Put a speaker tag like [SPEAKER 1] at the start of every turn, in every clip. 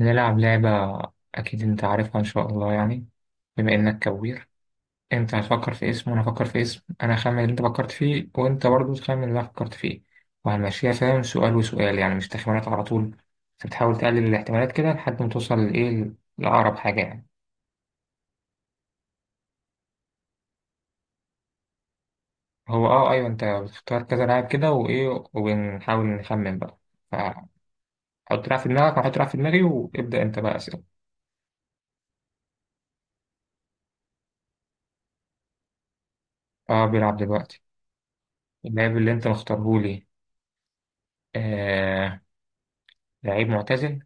[SPEAKER 1] نلعب لعبة. أكيد أنت عارفها إن شاء الله يعني. بما إنك كوير أنت هتفكر في اسم وأنا هفكر في اسم. أنا هخمن اللي أنت فكرت فيه وأنت برضه تخمن اللي أنا فكرت فيه وهنمشيها فاهم، سؤال وسؤال يعني مش تخمينات على طول. أنت بتحاول تقلل الاحتمالات كده لحد ما توصل لإيه، لأقرب حاجة يعني. هو أيوه أنت بتختار كذا لاعب كده، وإيه وبنحاول نخمن بقى. فحط لاعب في دماغك وأنا هحط لاعب في دماغي، وابدأ أنت بقى أسئلة. أه، بيلعب دلوقتي. اللاعب اللي أنت مختارهولي. آه لعيب معتزل.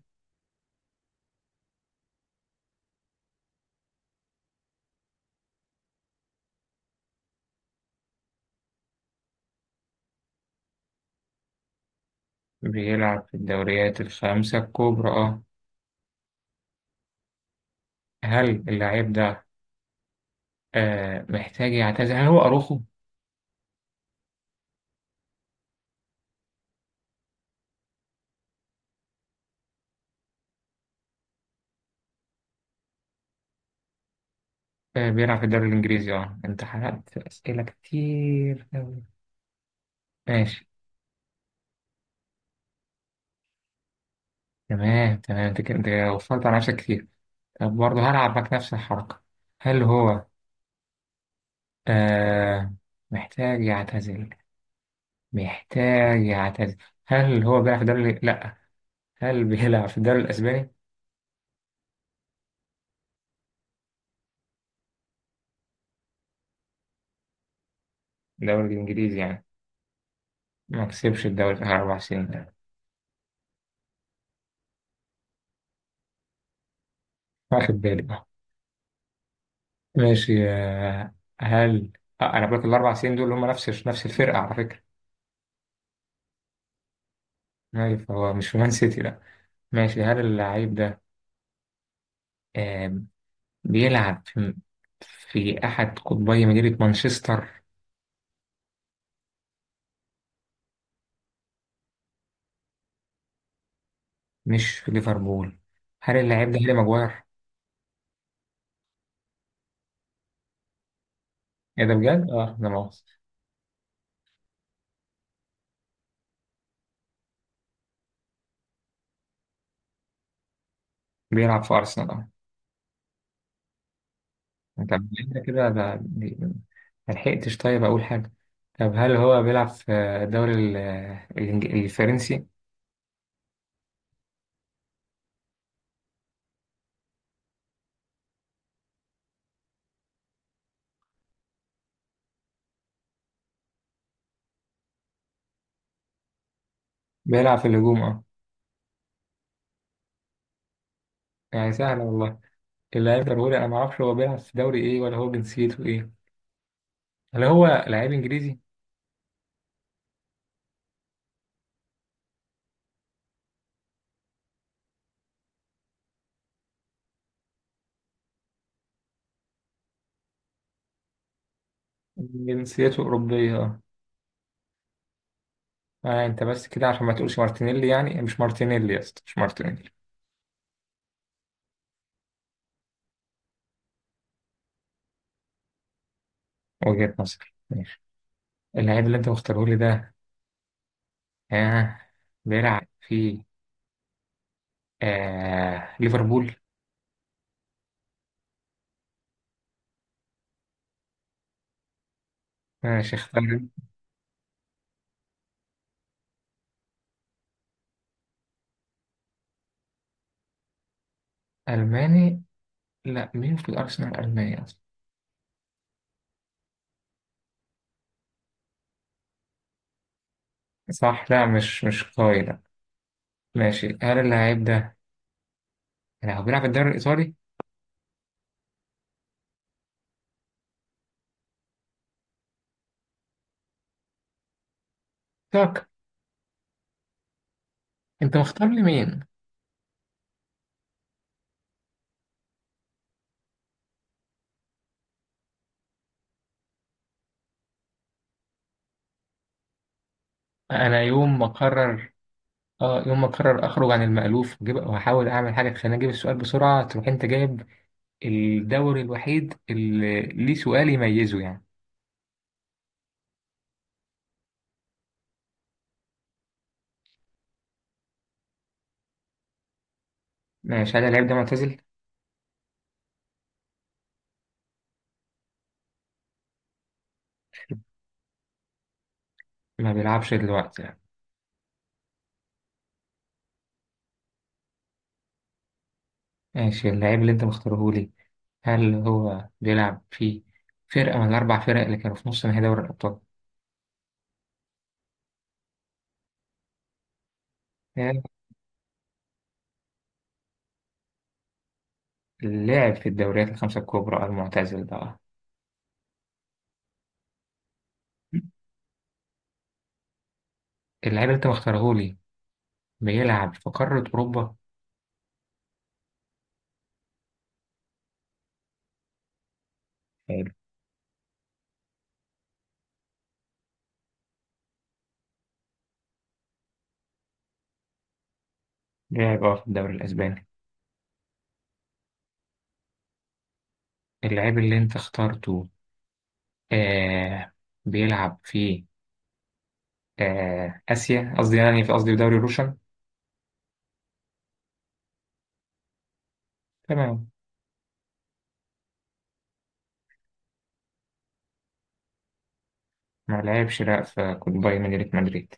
[SPEAKER 1] بيلعب في الدوريات الخمسة الكبرى، اه. هل اللاعب ده محتاج يعتزل؟ هل هو أروخو؟ آه بيلعب في الدوري الإنجليزي، اه أنت حرقت أسئلة كتير أوي. ماشي تمام تمام، أنت كده أنت كده وفرت على نفسك كتير. طب برضه هلعبك نفس الحركة. هل هو آه محتاج يعتزل؟ محتاج يعتزل. هل هو بيلعب في الدوري؟ لأ. هل بيلعب في الدوري الأسباني؟ الدوري الإنجليزي يعني. ما كسبش الدوري في آخر أربع سنين. واخد بالي. ماشي. هل آه، انا بقول لك الاربع سنين دول هم نفس الفرقه على فكره. ماشي، فهو مش في مان سيتي، لا. ماشي. هل اللعيب ده آم، بيلعب في احد قطبي مدينه مانشستر؟ مش في ليفربول. هل اللعيب ده هاري ماجواير؟ ايه ده بجد؟ اه ده مؤاخذة. بيلعب في ارسنال، اه. طب كده كده ده ما لحقتش. طيب اقول حاجه. طب هل هو بيلعب في الدوري الفرنسي؟ بيلعب في الهجوم، اه. يعني سهل والله. اللاعب ضروري، انا ما اعرفش هو بيلعب في دوري ايه، ولا هو جنسيته ايه. هل هو لعيب انجليزي؟ جنسيته اوروبيه، اه. انت بس كده عشان ما تقولش مارتينيلي، يعني مش مارتينيلي يا اسطى، مش مارتينيلي. وجهة نظر. ماشي. اللاعب اللي انت مختاره لي ده، آه، بيلعب في ليفربول. ماشي، اختار. الماني؟ لا، مين في الارسنال الماني اصلا؟ صح. لا مش قوي، لا. ماشي. هل اللاعب ده يعني هو بيلعب في الدوري الايطالي؟ تاك. انت مختار لي مين؟ انا يوم ما اقرر. اه، يوم ما اقرر اخرج عن المألوف واحاول اعمل حاجه تخليني اجيب السؤال بسرعه تروح انت جايب الدوري الوحيد اللي ليه سؤال يميزه يعني. ماشي. هل اللعيب ده معتزل؟ ما بيلعبش دلوقتي يعني. ماشي. اللعيب اللي انت مختاره لي، هل هو بيلعب في فرقه من الاربع فرق اللي كانوا في نص نهائي دوري الابطال؟ هل لعب في الدوريات الخمسه الكبرى المعتزل ده؟ اللعيب اللي انت مختاره لي بيلعب في قاره اوروبا. حلو. لعب، اه، في الدوري الاسباني. اللعيب اللي انت اخترته، آه، بيلعب في آه آسيا، قصدي يعني في، قصدي في دوري روشن. تمام. ما لعبش لا في كود بايرن ميونخ مدريد.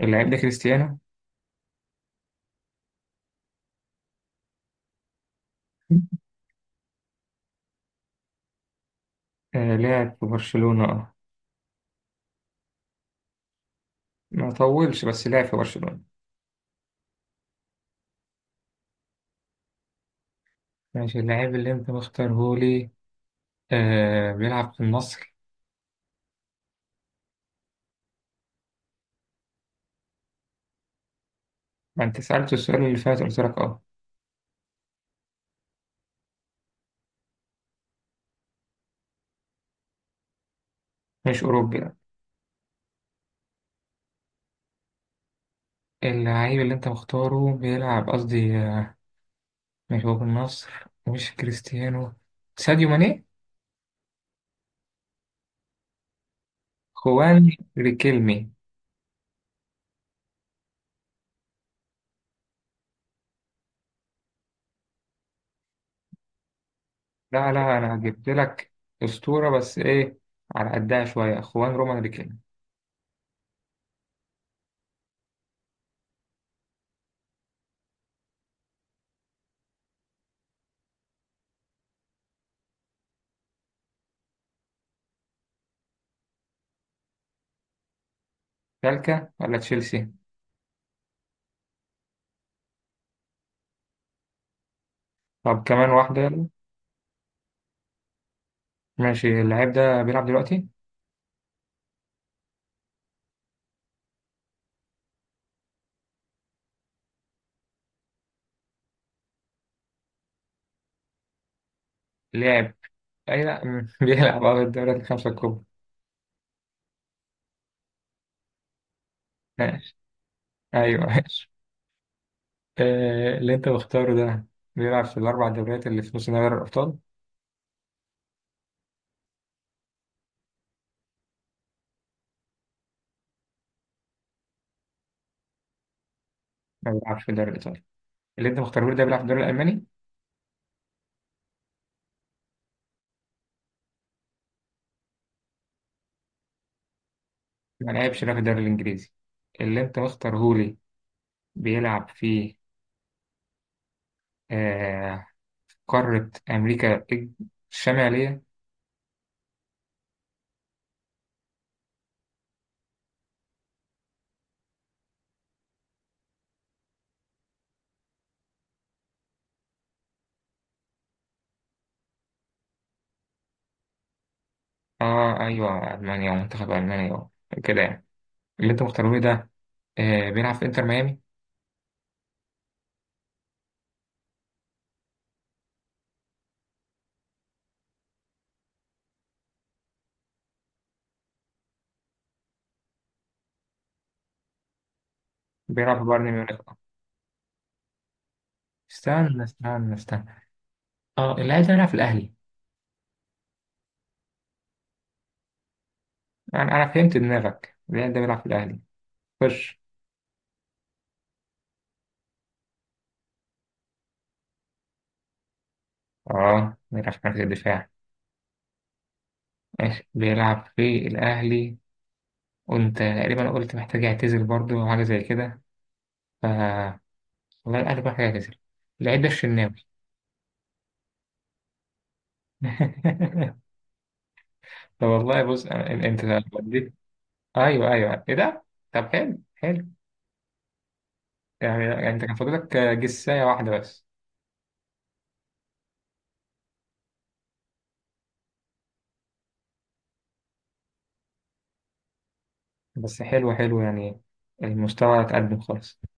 [SPEAKER 1] اللاعب ده كريستيانو؟ آه لعب في برشلونة، اه. ما طولش بس لعب في برشلونة. ماشي. اللاعب اللي انت مختارهولي، آه، بيلعب في النصر. ما انت سألت السؤال اللي فات قلت لك اه. مش أوروبي، لا. اللعيب اللي انت مختاره بيلعب، قصدي مش هو في النصر؟ مش كريستيانو؟ ساديو ماني؟ خوان ريكيلمي؟ لا لا، انا جبت لك اسطوره بس ايه، على قدها شويه، اخوان رومان ريكين. تالكا ولا تشيلسي؟ طب كمان واحده، يلا. ماشي. اللاعب ده بيلعب دلوقتي؟ لعب. اي لا بيلعب اه الدوريات الخمسه الكبرى. ماشي، ايوه ماشي. آه، اللي انت مختاره ده بيلعب في الاربع دوريات اللي في نص نهائي دوري الابطال؟ ما بيلعبش في الدوري الايطالي؟ اللي انت مختاره ده بيلعب في الدوري الالماني. ما لعبش لا في الدوري الانجليزي. اللي انت مختاره لي بيلعب في آه، قارة أمريكا الشمالية. آه أيوة، ألمانيا ومنتخب ألمانيا، كده يعني. اللي أنت مختارهولي ده، آه، بيلعب في إنتر ميامي. بيلعب في بايرن ميونخ، استنى استنى استنى. آه، اللاعب ده بيلعب في الأهلي؟ أنا فهمت دماغك، اللاعب ده بيلعب في الأهلي. خش. آه بيلعب في مركز الدفاع. ماشي، بيلعب في الأهلي، وأنت تقريبا قلت محتاج يعتزل برضه أو حاجة زي كده، ف، والله الأهلي محتاج يعتزل. اللعيب ده الشناوي. طب والله بص انت وديتني. ايوه ايوه، ايه ده؟ طب حلو حلو يعني. يعني انت كان فاضلك جساية واحدة بس. بس حلو حلو يعني، المستوى اتقدم خالص.